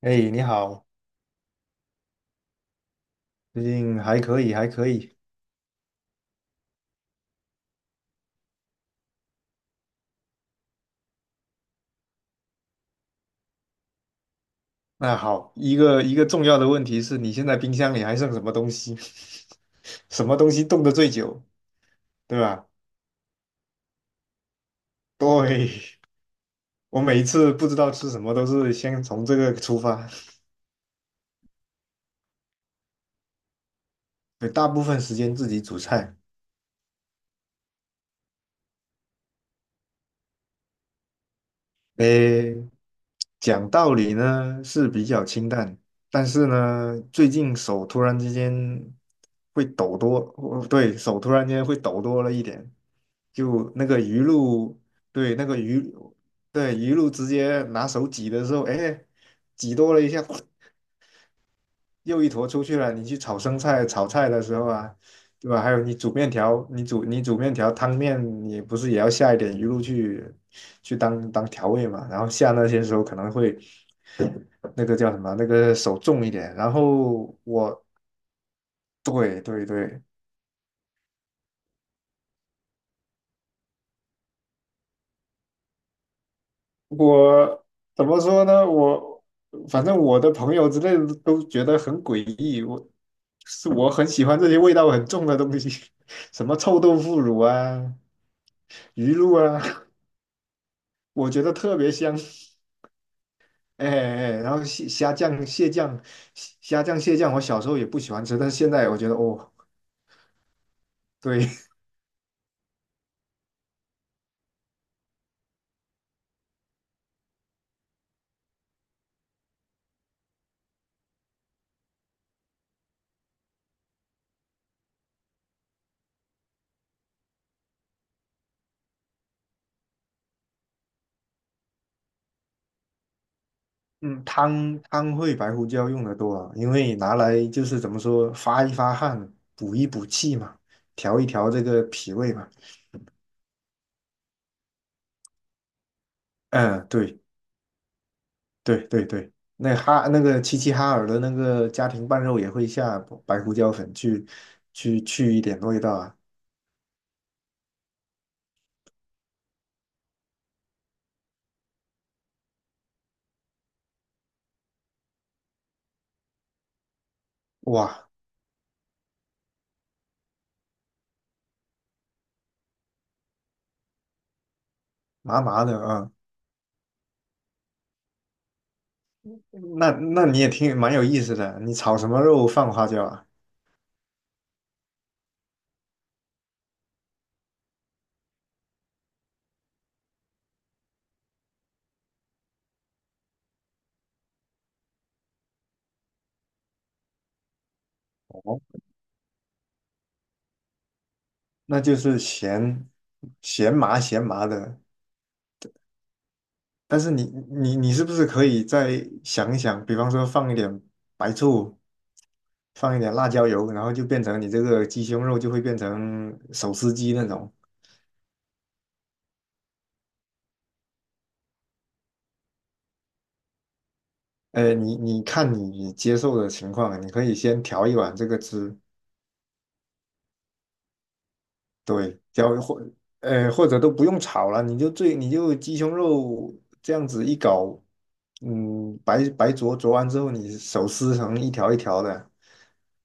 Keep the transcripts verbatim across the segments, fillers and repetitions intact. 哎，你好，最近还可以，还可以。那好，一个一个重要的问题是你现在冰箱里还剩什么东西？什么东西冻得最久，对吧？对，我每一次不知道吃什么，都是先从这个出发。对，大部分时间自己煮菜。诶，讲道理呢是比较清淡，但是呢，最近手突然之间会抖多。哦对，手突然间会抖多了一点，就那个鱼露，对，那个鱼，对，鱼露直接拿手挤的时候，哎，挤多了一下，又一坨出去了。你去炒生菜、炒菜的时候啊，对吧？还有你煮面条，你煮你煮面条、汤面，你不是也要下一点鱼露去去当当调味嘛？然后下那些时候可能会那个叫什么，那个手重一点。然后我对对对，我怎么说呢？我反正我的朋友之类的都觉得很诡异，我是我很喜欢这些味道很重的东西。什么臭豆腐乳啊、鱼露啊。我觉得特别香。哎哎，哎然后蟹虾酱、蟹酱、虾虾酱、蟹酱，我小时候也不喜欢吃，但是现在我觉得哦，对。嗯，汤汤会白胡椒用的多啊，因为拿来就是怎么说发一发汗，补一补气嘛，调一调这个脾胃嘛。嗯，对对对对，那哈那个齐齐哈尔的那个家庭拌肉也会下白胡椒粉去去去一点味道啊。哇，麻麻的啊，那那你也挺蛮有意思的，你炒什么肉放花椒啊？哦，那就是咸咸麻咸麻的。但是你你你是不是可以再想一想，比方说放一点白醋，放一点辣椒油，然后就变成你这个鸡胸肉就会变成手撕鸡那种。呃，你你看你接受的情况，你可以先调一碗这个汁。对，交或呃或者都不用炒了，你就最你就鸡胸肉这样子一搞。嗯，白白灼灼完之后，你手撕成一条一条的，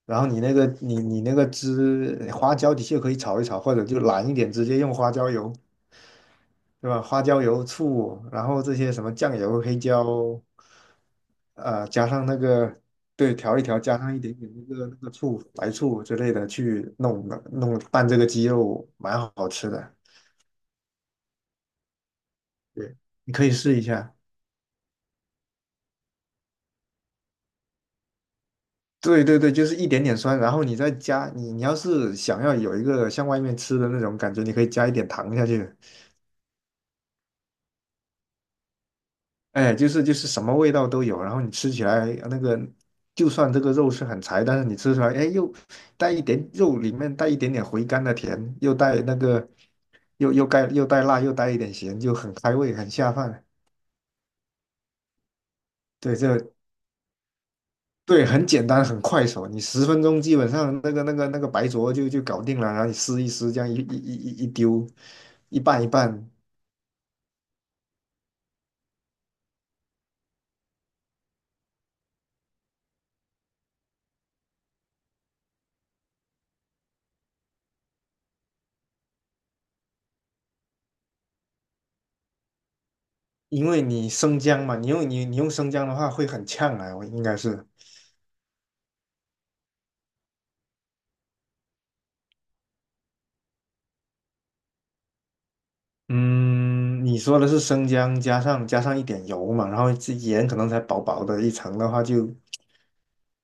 然后你那个你你那个汁花椒的确可以炒一炒，或者就懒一点，直接用花椒油。对吧？花椒油、醋，然后这些什么酱油、黑椒，呃，加上那个，对，调一调，加上一点点那个那个醋、白醋之类的去弄的，弄拌这个鸡肉，蛮好吃的。对，你可以试一下。对对对，就是一点点酸，然后你再加，你你要是想要有一个像外面吃的那种感觉，你可以加一点糖下去。哎，就是就是什么味道都有，然后你吃起来那个，就算这个肉是很柴，但是你吃出来，哎，又带一点肉里面带一点点回甘的甜，又带那个又又带又带辣，又带一点咸，就很开胃，很下饭。对，这对很简单，很快手，你十分钟基本上那个那个那个白灼就就搞定了，然后你撕一撕，这样一一一一一丢，一拌一拌。因为你生姜嘛，你用你你用生姜的话会很呛啊，我应该是。嗯，你说的是生姜加上加上一点油嘛，然后这盐可能才薄薄的一层的话就，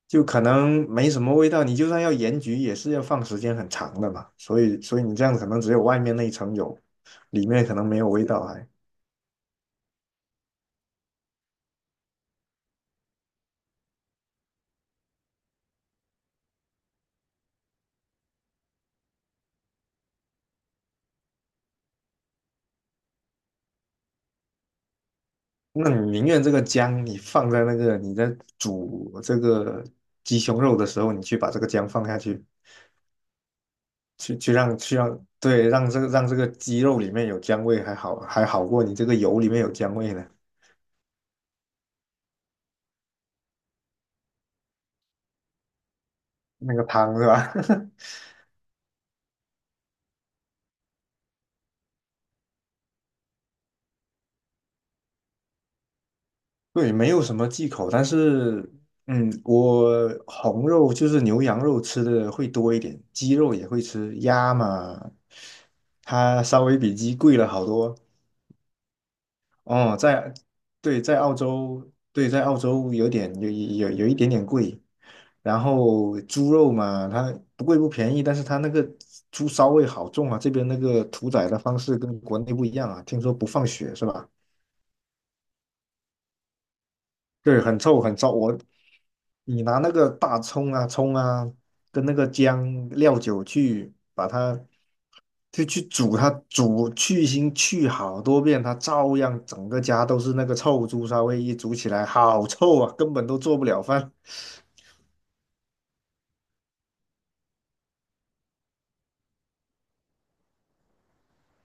就可能没什么味道。你就算要盐焗，也是要放时间很长的嘛。所以，所以你这样可能只有外面那一层有，里面可能没有味道还。那你宁愿这个姜你放在那个你在煮这个鸡胸肉的时候，你去把这个姜放下去，去去让去让对让这个让这个鸡肉里面有姜味，还好还好过你这个油里面有姜味呢。那个汤是吧？对，没有什么忌口，但是，嗯，我红肉就是牛羊肉吃的会多一点，鸡肉也会吃，鸭嘛，它稍微比鸡贵了好多。哦，在，对，在澳洲，对，在澳洲有点有有有一点点贵。然后猪肉嘛，它不贵不便宜，但是它那个猪骚味好重啊，这边那个屠宰的方式跟国内不一样啊，听说不放血是吧？对，很臭很臭，我你拿那个大葱啊、葱啊，跟那个姜、料酒去把它就去煮它，煮去腥去好多遍，它照样整个家都是那个臭猪烧味，一煮起来好臭啊，根本都做不了饭。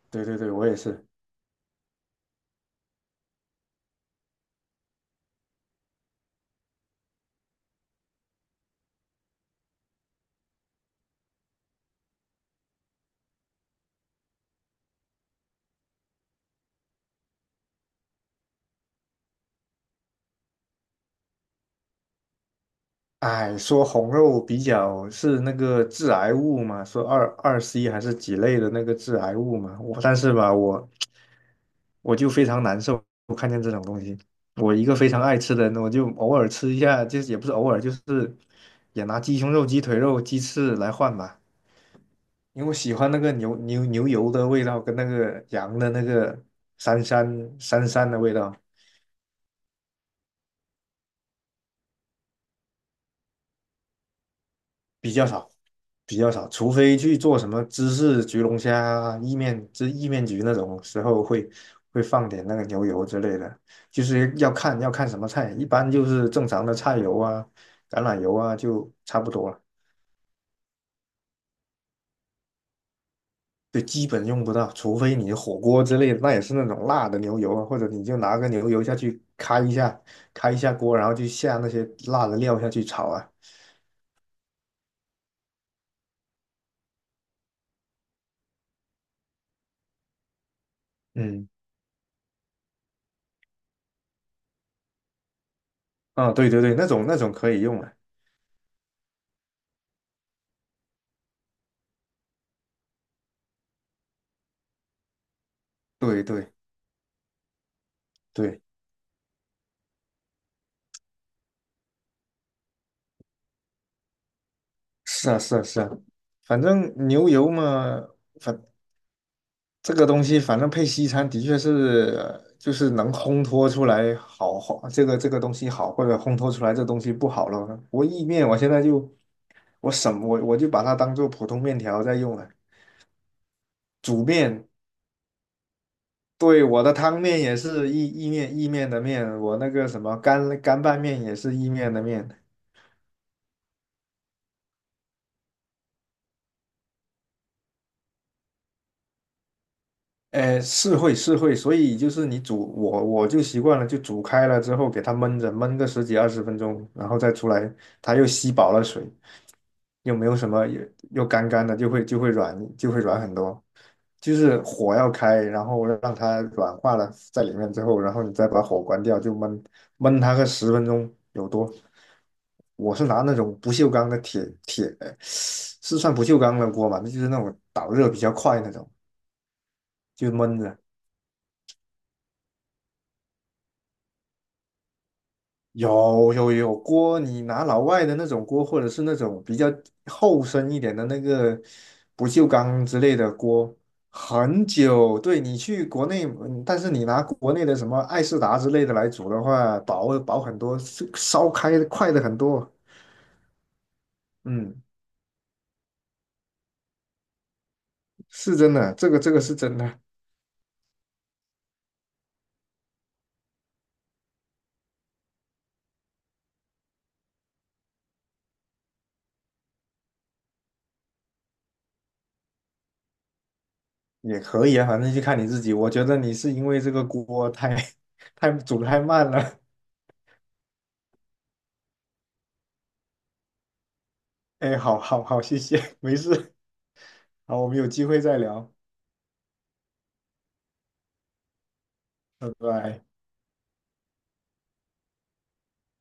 对对对，我也是。哎，说红肉比较是那个致癌物嘛，说二二 C 还是几类的那个致癌物嘛，我但是吧，我我就非常难受，我看见这种东西，我一个非常爱吃的人，我就偶尔吃一下，就是也不是偶尔，就是也拿鸡胸肉、鸡腿肉、鸡翅来换吧，因为我喜欢那个牛牛牛油的味道跟那个羊的那个膻膻膻膻的味道。比较少，比较少，除非去做什么芝士焗龙虾啊、意面、这意面焗那种时候会会放点那个牛油之类的，就是要看要看什么菜，一般就是正常的菜油啊、橄榄油啊就差不多了，就基本用不到，除非你火锅之类的，那也是那种辣的牛油啊，或者你就拿个牛油下去开一下，开一下锅，然后就下那些辣的料下去炒啊。嗯，啊，对对对，那种那种可以用了，对对对。是啊，是啊，是啊，反正牛油嘛，反这个东西，反正配西餐的确是，呃就是能烘托出来好，好这个这个东西好，或者烘托出来这东西不好了。我意面，我现在就我什么我我就把它当做普通面条在用了。煮面，对，我的汤面也是意意面意面的面，我那个什么干干拌面也是意面的面。呃，是会是会，所以就是你煮，我我就习惯了，就煮开了之后给它焖着，焖个十几二十分钟，然后再出来，它又吸饱了水，又没有什么，又又干干的，就会就会软，就会软很多。就是火要开，然后让它软化了在里面之后，然后你再把火关掉，就焖焖它个十分钟有多。我是拿那种不锈钢的铁铁，是算不锈钢的锅嘛？那就是那种导热比较快那种，就焖着。有有有锅，你拿老外的那种锅，或者是那种比较厚身一点的那个不锈钢之类的锅，很久。对你去国内，嗯但是你拿国内的什么爱仕达之类的来煮的话，薄薄很多，是烧开的快的很多。嗯，是真的，这个这个是真的，也可以啊，反正就看你自己。我觉得你是因为这个锅太 太煮的太慢了。哎，好好好，谢谢，没事。好，我们有机会再聊，拜拜。